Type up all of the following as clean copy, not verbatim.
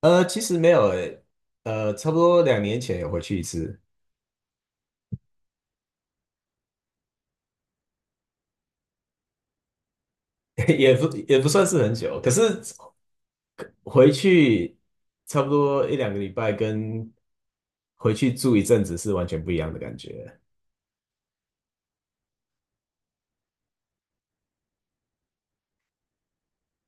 其实没有诶。差不多两年前有回去一次。也不算是很久，可是回去差不多一两个礼拜，跟回去住一阵子是完全不一样的感觉。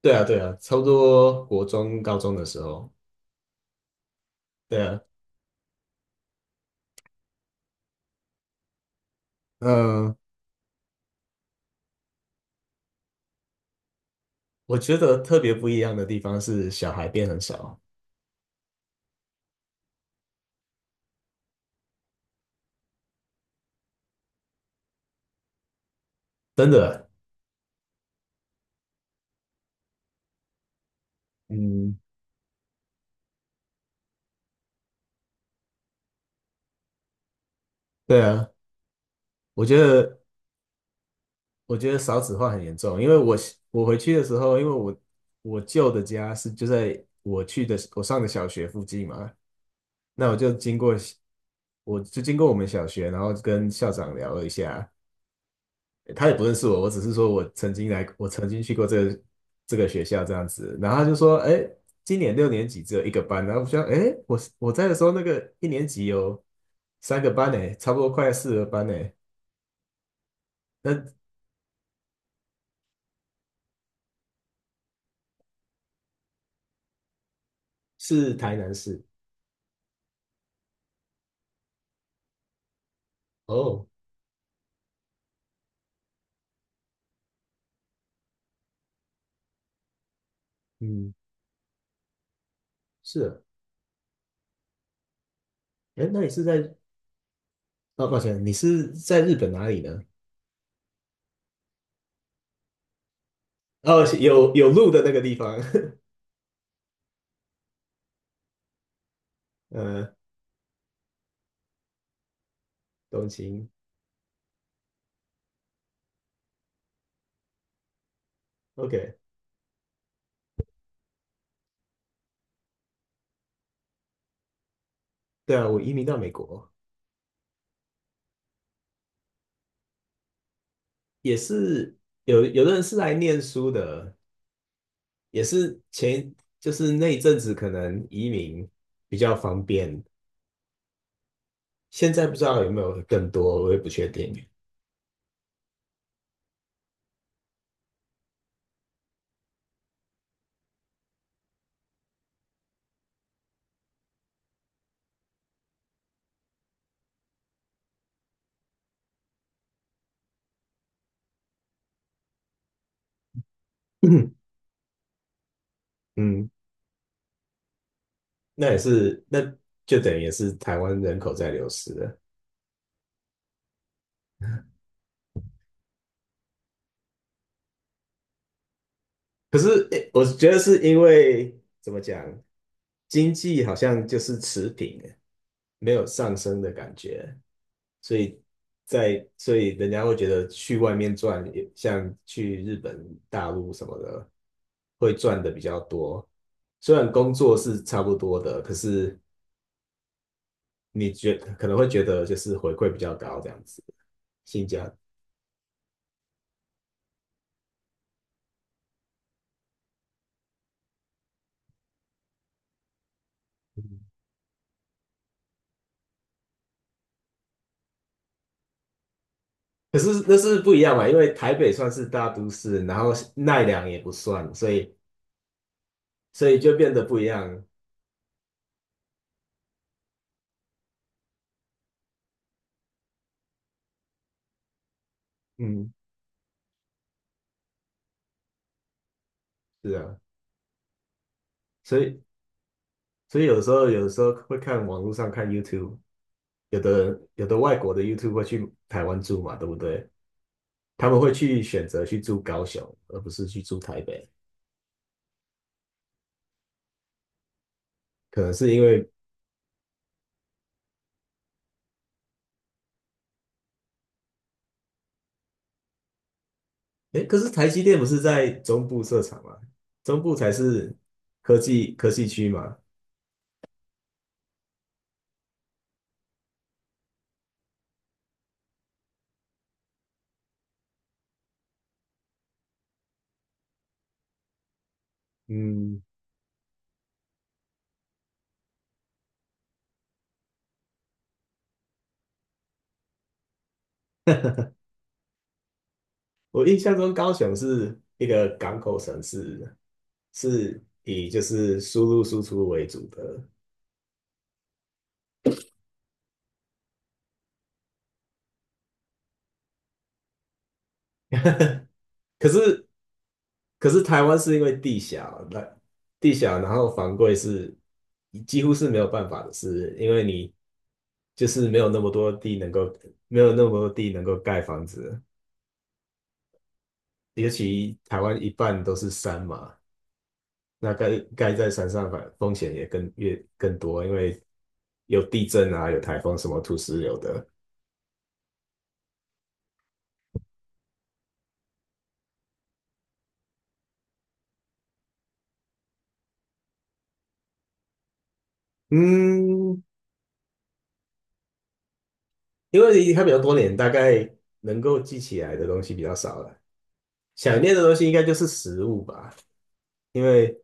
对啊，对啊，差不多国中、高中的时候。对啊。嗯、我觉得特别不一样的地方是小孩变很少。真的欸。嗯。对啊，我觉得。我觉得少子化很严重，因为我回去的时候，因为我舅的家是就在我去的我上的小学附近嘛。那我就经过，我就经过我们小学，然后跟校长聊了一下，他也不认识我，我只是说我曾经来，我曾经去过这个这个学校这样子。然后他就说，哎，今年六年级只有一个班。然后我想，哎，我在的时候那个一年级有三个班诶，差不多快四个班诶。那是台南市。哦。嗯。是啊。哎，那你是在……哦，抱歉，你是在日本哪里呢？哦，有有路的那个地方。呃，东京。OK。对啊，我移民到美国。也是有有的人是来念书的。也是就是那一阵子可能移民比较方便，现在不知道有没有更多，我也不确定。嗯，那也是。那就等于也是台湾人口在流失了。可是诶我觉得是因为怎么讲，经济好像就是持平，没有上升的感觉。所以所以人家会觉得去外面赚，也像去日本、大陆什么的，会赚的比较多。虽然工作是差不多的，可是可能会觉得就是回馈比较高这样子。性价。可是那是不一样嘛，因为台北算是大都市，然后奈良也不算，所以所以就变得不一样。嗯，是啊。所以所以有时候会看网络上看 YouTube，有的外国的 YouTube 会去台湾住嘛，对不对？他们会去选择去住高雄，而不是去住台北。可能是因为，哎，可是台积电不是在中部设厂吗？中部才是科技区嘛。嗯，我印象中高雄是一个港口城市，是以就是输入输出为主的。可是可是台湾是因为地小，那地小，然后房贵是几乎是没有办法的事，因为你就是没有那么多地能够，没有那么多地能够盖房子。尤其台湾一半都是山嘛，那盖盖在山上反风险也更越更多，因为有地震啊，有台风，什么土石流的。嗯，因为离开比较多年，大概能够记起来的东西比较少了。想念的东西应该就是食物吧，因为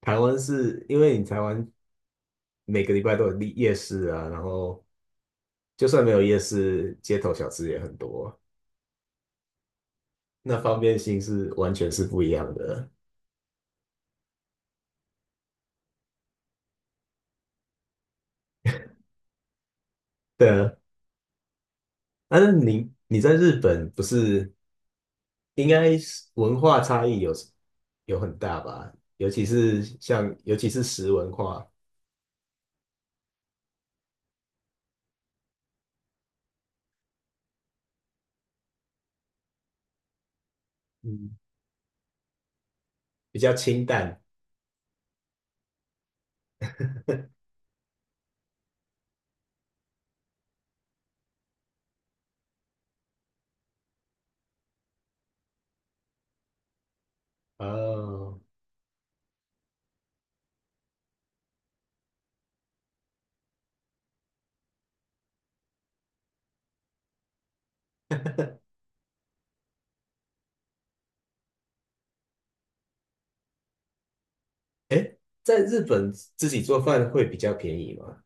台湾是，因为你台湾每个礼拜都有夜夜市啊。然后就算没有夜市，街头小吃也很多。那方便性是完全是不一样的。对啊，但是你你在日本不是应该是文化差异有很大吧？尤其是像尤其是食文化。嗯，比较清淡。哦，哎，在日本自己做饭会比较便宜吗？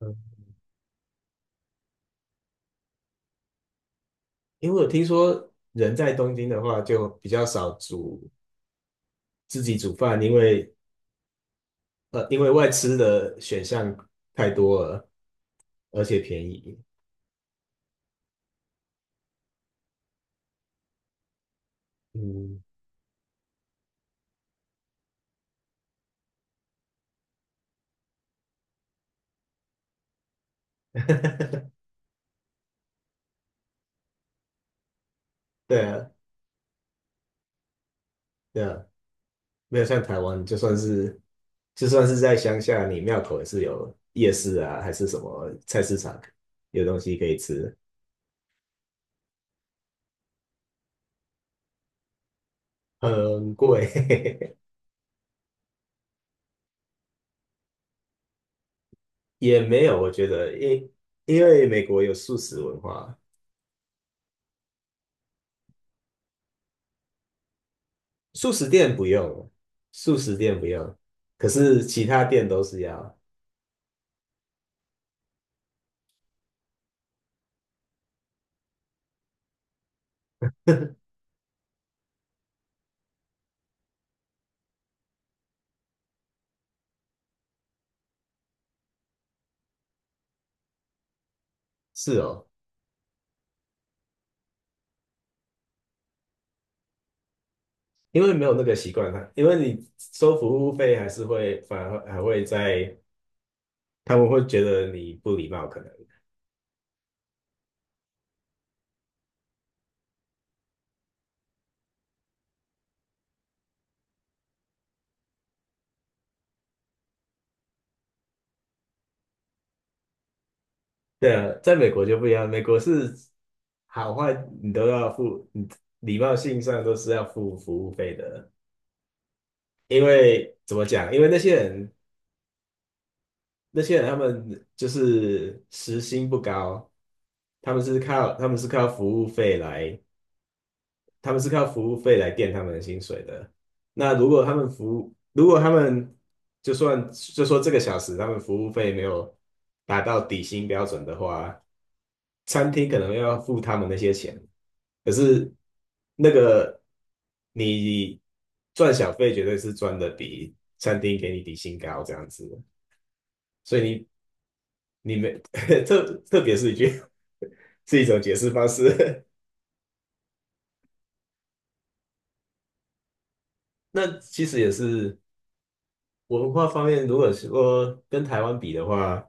嗯，因为我听说人在东京的话就比较少自己煮饭，因为因为外吃的选项太多了，而且便宜。嗯。对啊，对啊，没有像台湾，就算是在乡下，你庙口也是有夜市啊，还是什么菜市场，有东西可以吃。很贵。也没有，我觉得，因为美国有素食文化。素食店不用。素食店不用，可是其他店都是要。是哦。因为没有那个习惯啊，因为你收服务费还是会反而还会在，他们会觉得你不礼貌，可能。对啊，在美国就不一样，美国是好坏你都要付，你礼貌性上都是要付服务费的。因为怎么讲？因为那些人，那些人他们就是时薪不高，他们是靠服务费来，他们是靠服务费来垫他们的薪水的。那如果他们服务，如果他们就算就说这个小时他们服务费没有达到底薪标准的话，餐厅可能要付他们那些钱。可是那个你赚小费绝对是赚的比餐厅给你底薪高这样子的。所以你你没 特特别是一句 是一种解释方式。那其实也是文化方面，如果说跟台湾比的话，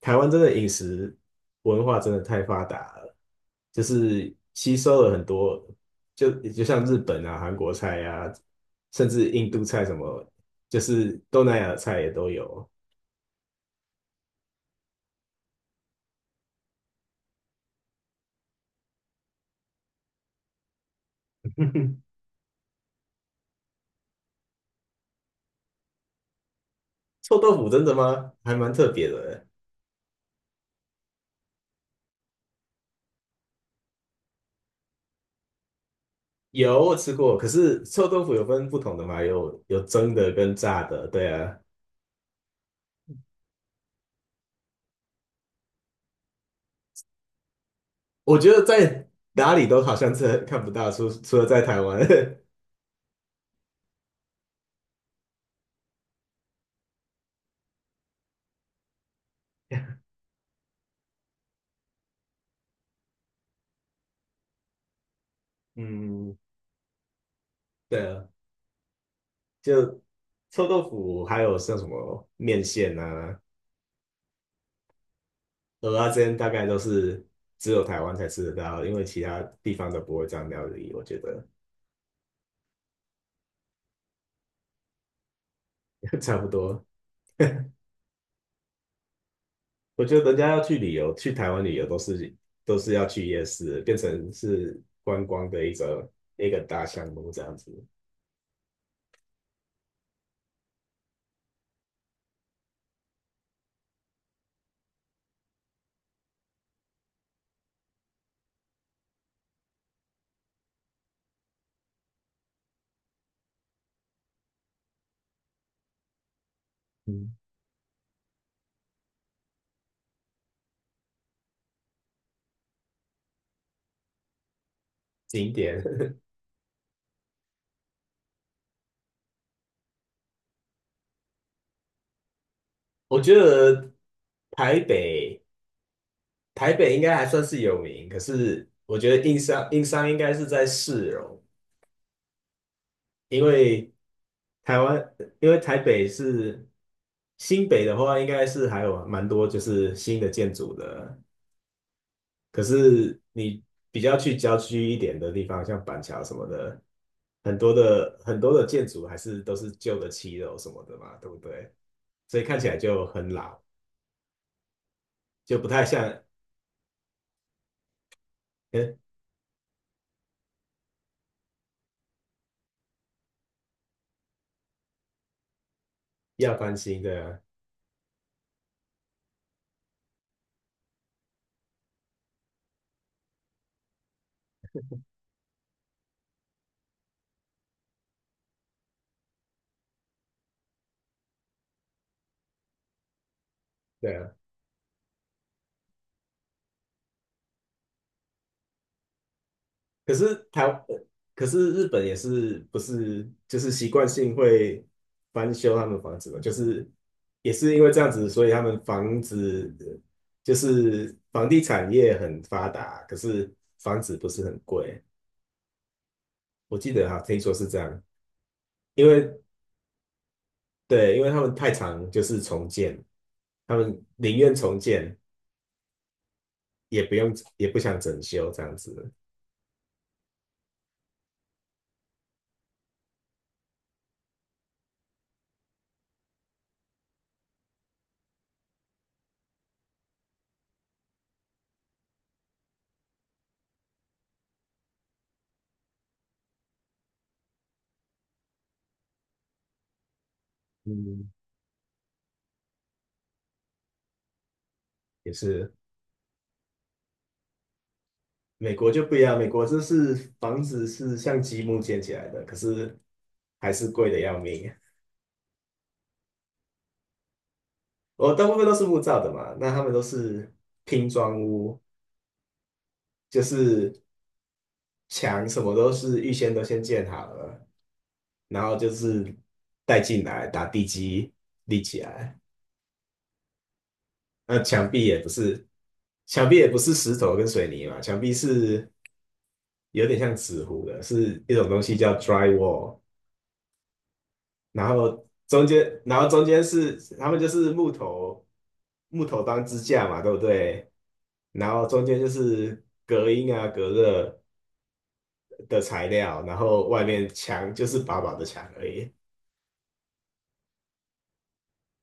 台湾真的饮食文化真的太发达了，就是吸收了很多，就像日本啊、韩国菜啊，甚至印度菜什么，就是东南亚菜也都有。臭豆腐真的吗？还蛮特别的欸。有，我吃过，可是臭豆腐有分不同的嘛，有有蒸的跟炸的。对啊。我觉得在哪里都好像这看不到，除了在台湾。嗯，对啊。就臭豆腐，还有像什么面线啊、蚵仔煎，大概都是只有台湾才吃得到，因为其他地方都不会这样料理。我觉得 差不多。我觉得人家要去旅游，去台湾旅游都是要去夜市，变成是观光的一个大项目这样子。嗯。景点。我觉得台北台北应该还算是有名，可是我觉得硬伤应该是在市容。因为台湾，因为台北是新北的话，应该是还有蛮多就是新的建筑的。可是你比较去郊区一点的地方，像板桥什么的，很多的建筑还是都是旧的七楼什么的嘛，对不对？所以看起来就很老，就不太像。嗯，要翻新的。对啊。可是台，呃可是日本也是不是就是习惯性会翻修他们房子嘛？就是也是因为这样子，所以他们房子就是房地产业很发达，可是房子不是很贵。我记得哈，听说是这样。因为对，因为他们太常就是重建，他们宁愿重建也不用也不想整修这样子。嗯，也是。美国就不一样，美国就是房子是像积木建起来的，可是还是贵的要命。我大部分都是木造的嘛，那他们都是拼装屋，就是墙什么都是预先都先建好了，然后就是带进来打地基立起来。那墙壁也不是，墙壁也不是石头跟水泥嘛，墙壁是有点像纸糊的，是一种东西叫 drywall。然后中间，然后中间是他们就是木头当支架嘛，对不对？然后中间就是隔音啊、隔热的材料，然后外面墙就是薄薄的墙而已。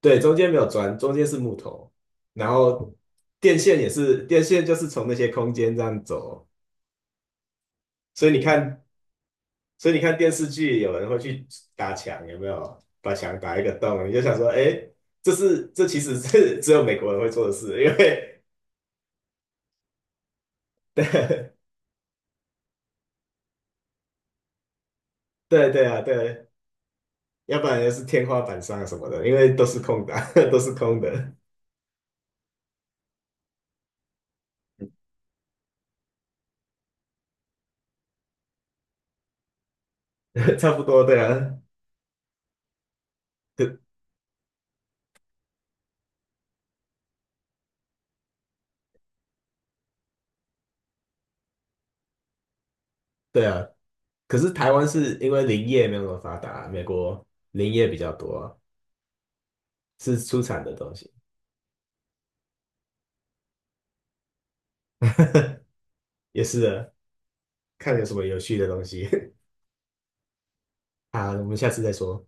对，中间没有砖，中间是木头。然后电线也是，电线就是从那些空间这样走。所以你看，所以你看电视剧，有人会去打墙，有没有？把墙打一个洞，你就想说，哎，这其实是 只有美国人会做的事，因为 对啊，对。要不然就是天花板上什么的，因为都是空的啊 都是空的。差不多，对啊。可对啊，可是台湾是因为林业没有那么发达啊，美国林业比较多，是出产的东西。也是的，看有什么有趣的东西。好，我们下次再说。